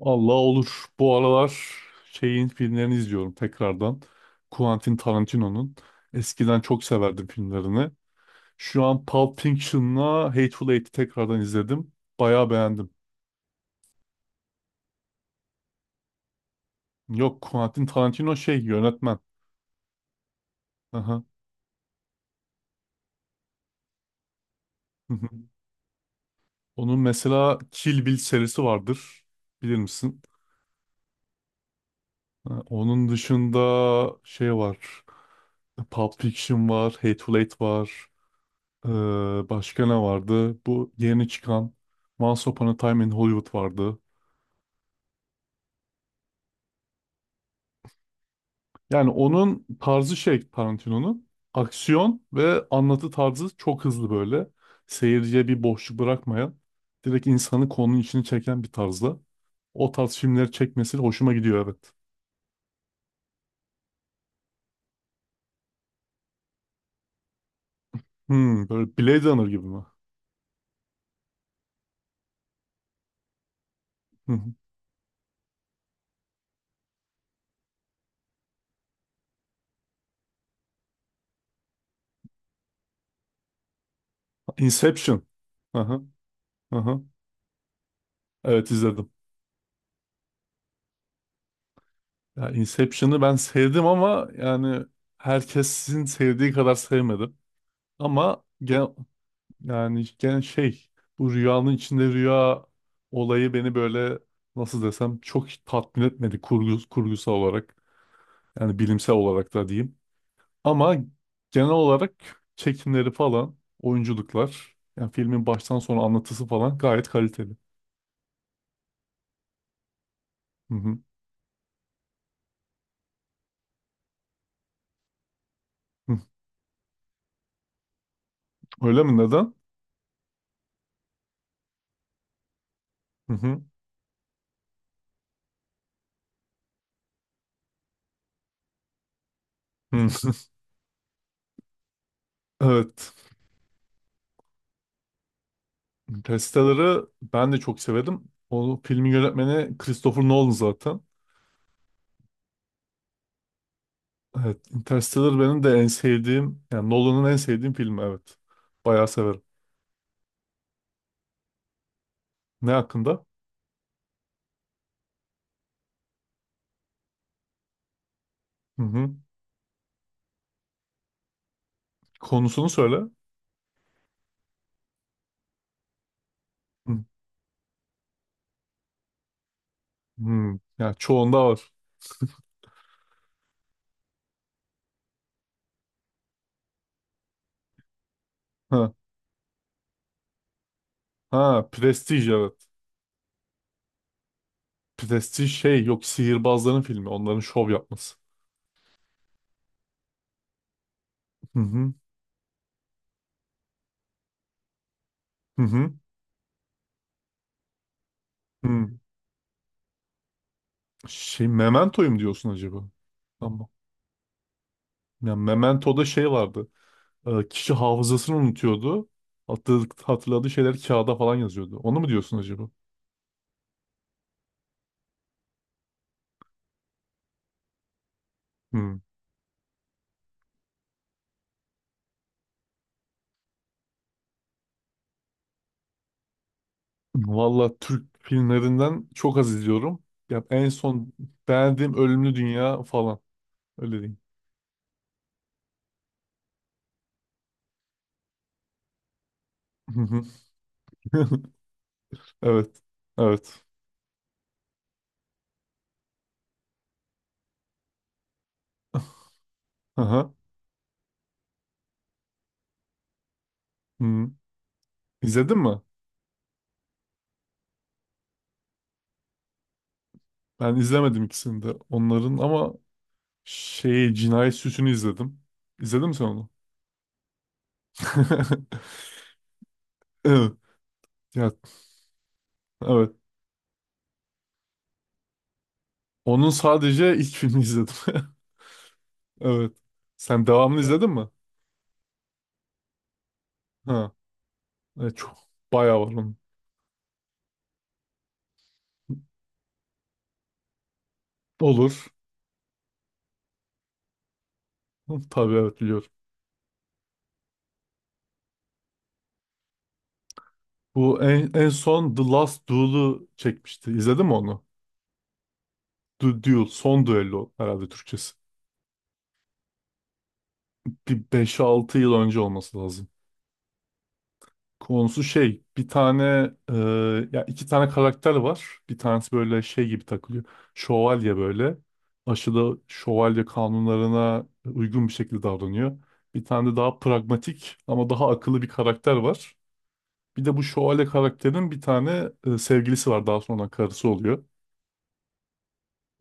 Allah olur. Bu aralar şeyin filmlerini izliyorum tekrardan. Quentin Tarantino'nun. Eskiden çok severdim filmlerini. Şu an Pulp Fiction'la Hateful Eight'i tekrardan izledim. Bayağı beğendim. Yok Quentin Tarantino şey yönetmen. Aha. Hı hı. Onun mesela Kill Bill serisi vardır. Bilir misin? Ha, onun dışında şey var. Pulp Fiction var, Hateful Eight var. Ee, Başka ne vardı? Bu yeni çıkan Once Upon a Time in Hollywood vardı. Yani onun tarzı şey Tarantino'nun. Aksiyon ve anlatı tarzı çok hızlı böyle. Seyirciye bir boşluk bırakmayan, direkt insanı konunun içine çeken bir tarzda. O tarz filmleri çekmesi hoşuma gidiyor, evet. Hmm, böyle Blade Runner gibi mi? Hı hı. Inception. Aha, aha. Evet, izledim. Ya Inception'ı ben sevdim ama yani herkesin sevdiği kadar sevmedim. Ama gen, yani gen şey bu rüyanın içinde rüya olayı beni böyle nasıl desem çok tatmin etmedi, kurgusal olarak, yani bilimsel olarak da diyeyim. Ama genel olarak çekimleri falan, oyunculuklar, yani filmin baştan sona anlatısı falan gayet kaliteli. Hı hı. Hı. Öyle mi, neden? Hı hı. Hı. Evet. Interstellar'ı ben de çok severim. O filmin yönetmeni Christopher Nolan zaten. Evet, Interstellar benim de en sevdiğim, yani Nolan'ın en sevdiğim filmi, evet. Bayağı severim. Ne hakkında? Hı hı. Konusunu söyle. Hı hı. Yani çoğunda var. Ha, ha, Prestige, evet. Prestige şey yok, sihirbazların filmi, onların şov yapması. Hı hı. Hı hı. Hı. Şey Memento'yum diyorsun acaba? Tamam. Yani Memento'da şey vardı. Kişi hafızasını unutuyordu. Hatırladığı şeyler kağıda falan yazıyordu. Onu mu diyorsun acaba? Hı. Valla Türk filmlerinden çok az izliyorum. Ya en son beğendiğim Ölümlü Dünya falan. Öyle diyeyim. Hı hı. Evet. Evet. Aha. Hı. Hmm. İzledin mi? Ben izlemedim ikisini de. Onların ama şey Cinayet Süsü'nü izledim. İzledin mi sen onu? Evet. Ya, evet. Onun sadece ilk filmi izledim. Evet. Sen devamını, evet, izledin mi? Ha. Evet, çok bayağı var onun. Olur. Tabii, evet, biliyorum. Bu en son The Last Duel'u çekmişti. İzledin mi onu? The Duel, son düello herhalde Türkçesi. Bir 5-6 yıl önce olması lazım. Konusu şey, bir tane, e, ya iki tane karakter var. Bir tanesi böyle şey gibi takılıyor. Şövalye böyle. Aşırı şövalye kanunlarına uygun bir şekilde davranıyor. Bir tane de daha pragmatik ama daha akıllı bir karakter var. Bir de bu şövalye karakterin bir tane sevgilisi var. Daha sonra karısı oluyor.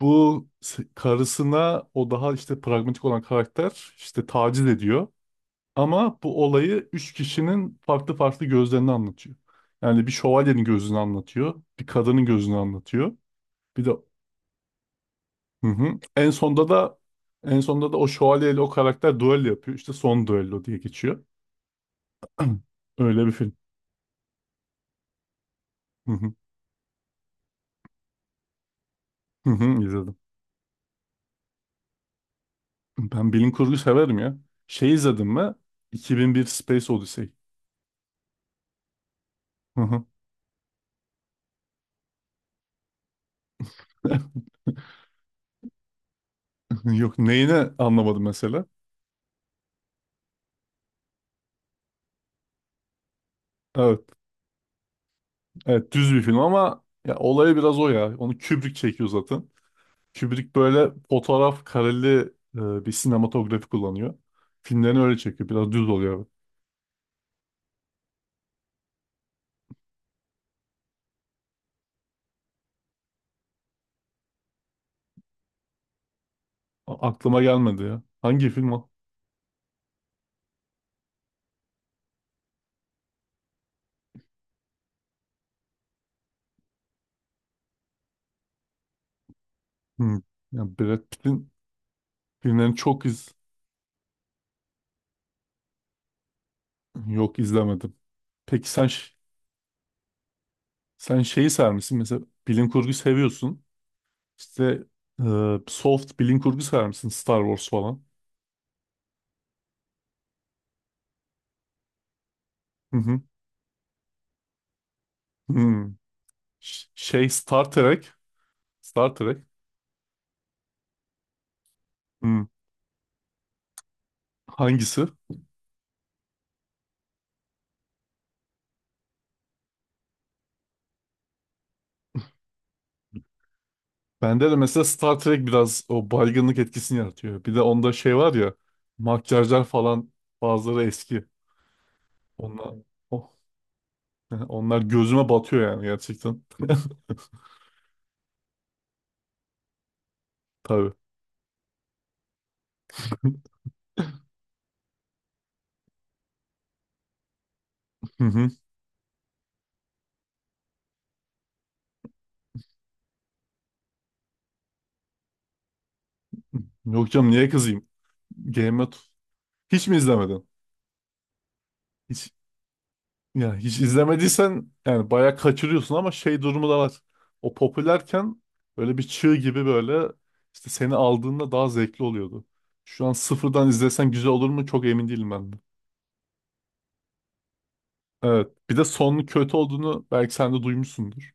Bu karısına o daha işte pragmatik olan karakter işte taciz ediyor. Ama bu olayı üç kişinin farklı farklı gözlerini anlatıyor. Yani bir şövalyenin gözünü anlatıyor, bir kadının gözünü anlatıyor. Bir de hı hı. En sonda da o şövalyeyle o karakter düello yapıyor. İşte son düello diye geçiyor. Öyle bir film. Hı hı. Hı hı, izledim. Ben bilim kurgu severim ya. Şey izledim mi? 2001 Space Odyssey. Hı hı. Yok, neyini anlamadım mesela? Evet, evet, düz bir film ama ya olayı biraz o ya. Onu Kubrick çekiyor zaten. Kubrick böyle fotoğraf kareli bir sinematografi kullanıyor. Filmlerini öyle çekiyor. Biraz düz oluyor. Aklıma gelmedi ya. Hangi film o? Hmm. Ya Brad Pitt'in filmlerini çok yok, izlemedim. Peki sen sen şeyi sever misin? Mesela bilim kurgu seviyorsun. İşte soft bilim kurgu sever misin? Star Wars falan. Hı hı. Hmm. Şey Star Trek. Star Trek. Hmm. Hangisi? Bende de mesela Star Trek biraz o baygınlık etkisini yaratıyor. Bir de onda şey var ya, makyajlar falan, bazıları eski. Onlar, oh, onlar gözüme batıyor yani, gerçekten. Tabii. Hı hı. Yok canım, niye kızayım? Game of... Hiç mi izlemedin? Hiç, ya hiç izlemediysen yani bayağı kaçırıyorsun ama şey durumu da var. O popülerken böyle bir çığ gibi böyle işte seni aldığında daha zevkli oluyordu. Şu an sıfırdan izlesen güzel olur mu çok emin değilim ben de. Evet. Bir de sonun kötü olduğunu belki sen de duymuşsundur.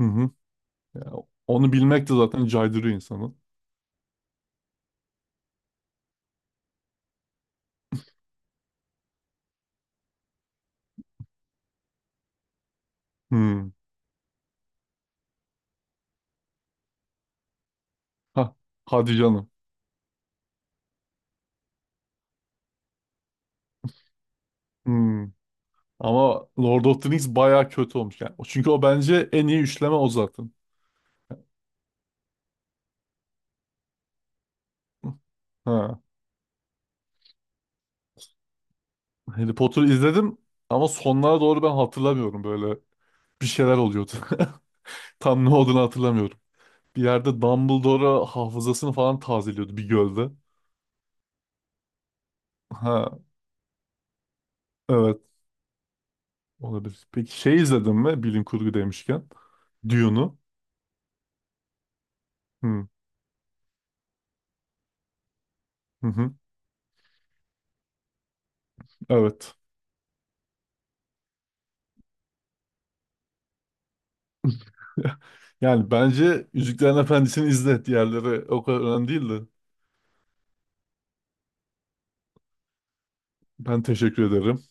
Hı hı. Yani onu bilmek de zaten caydırıyor insanı. Hı. Hah. Hadi canım. Hı. Ama Lord of the Rings bayağı kötü olmuş yani. Çünkü o bence en iyi üçleme, o zaten. Ha. Harry Potter'ı izledim ama sonlara doğru ben hatırlamıyorum, böyle bir şeyler oluyordu. Tam ne olduğunu hatırlamıyorum. Bir yerde Dumbledore'a hafızasını falan tazeliyordu bir gölde. Ha, evet. Olabilir. Peki şey izledin mi? Bilim kurgu demişken. Dune'u. Hı, hı hı. Evet. Yani bence Yüzüklerin Efendisi'ni izle. Diğerleri o kadar önemli değil de. Ben teşekkür ederim.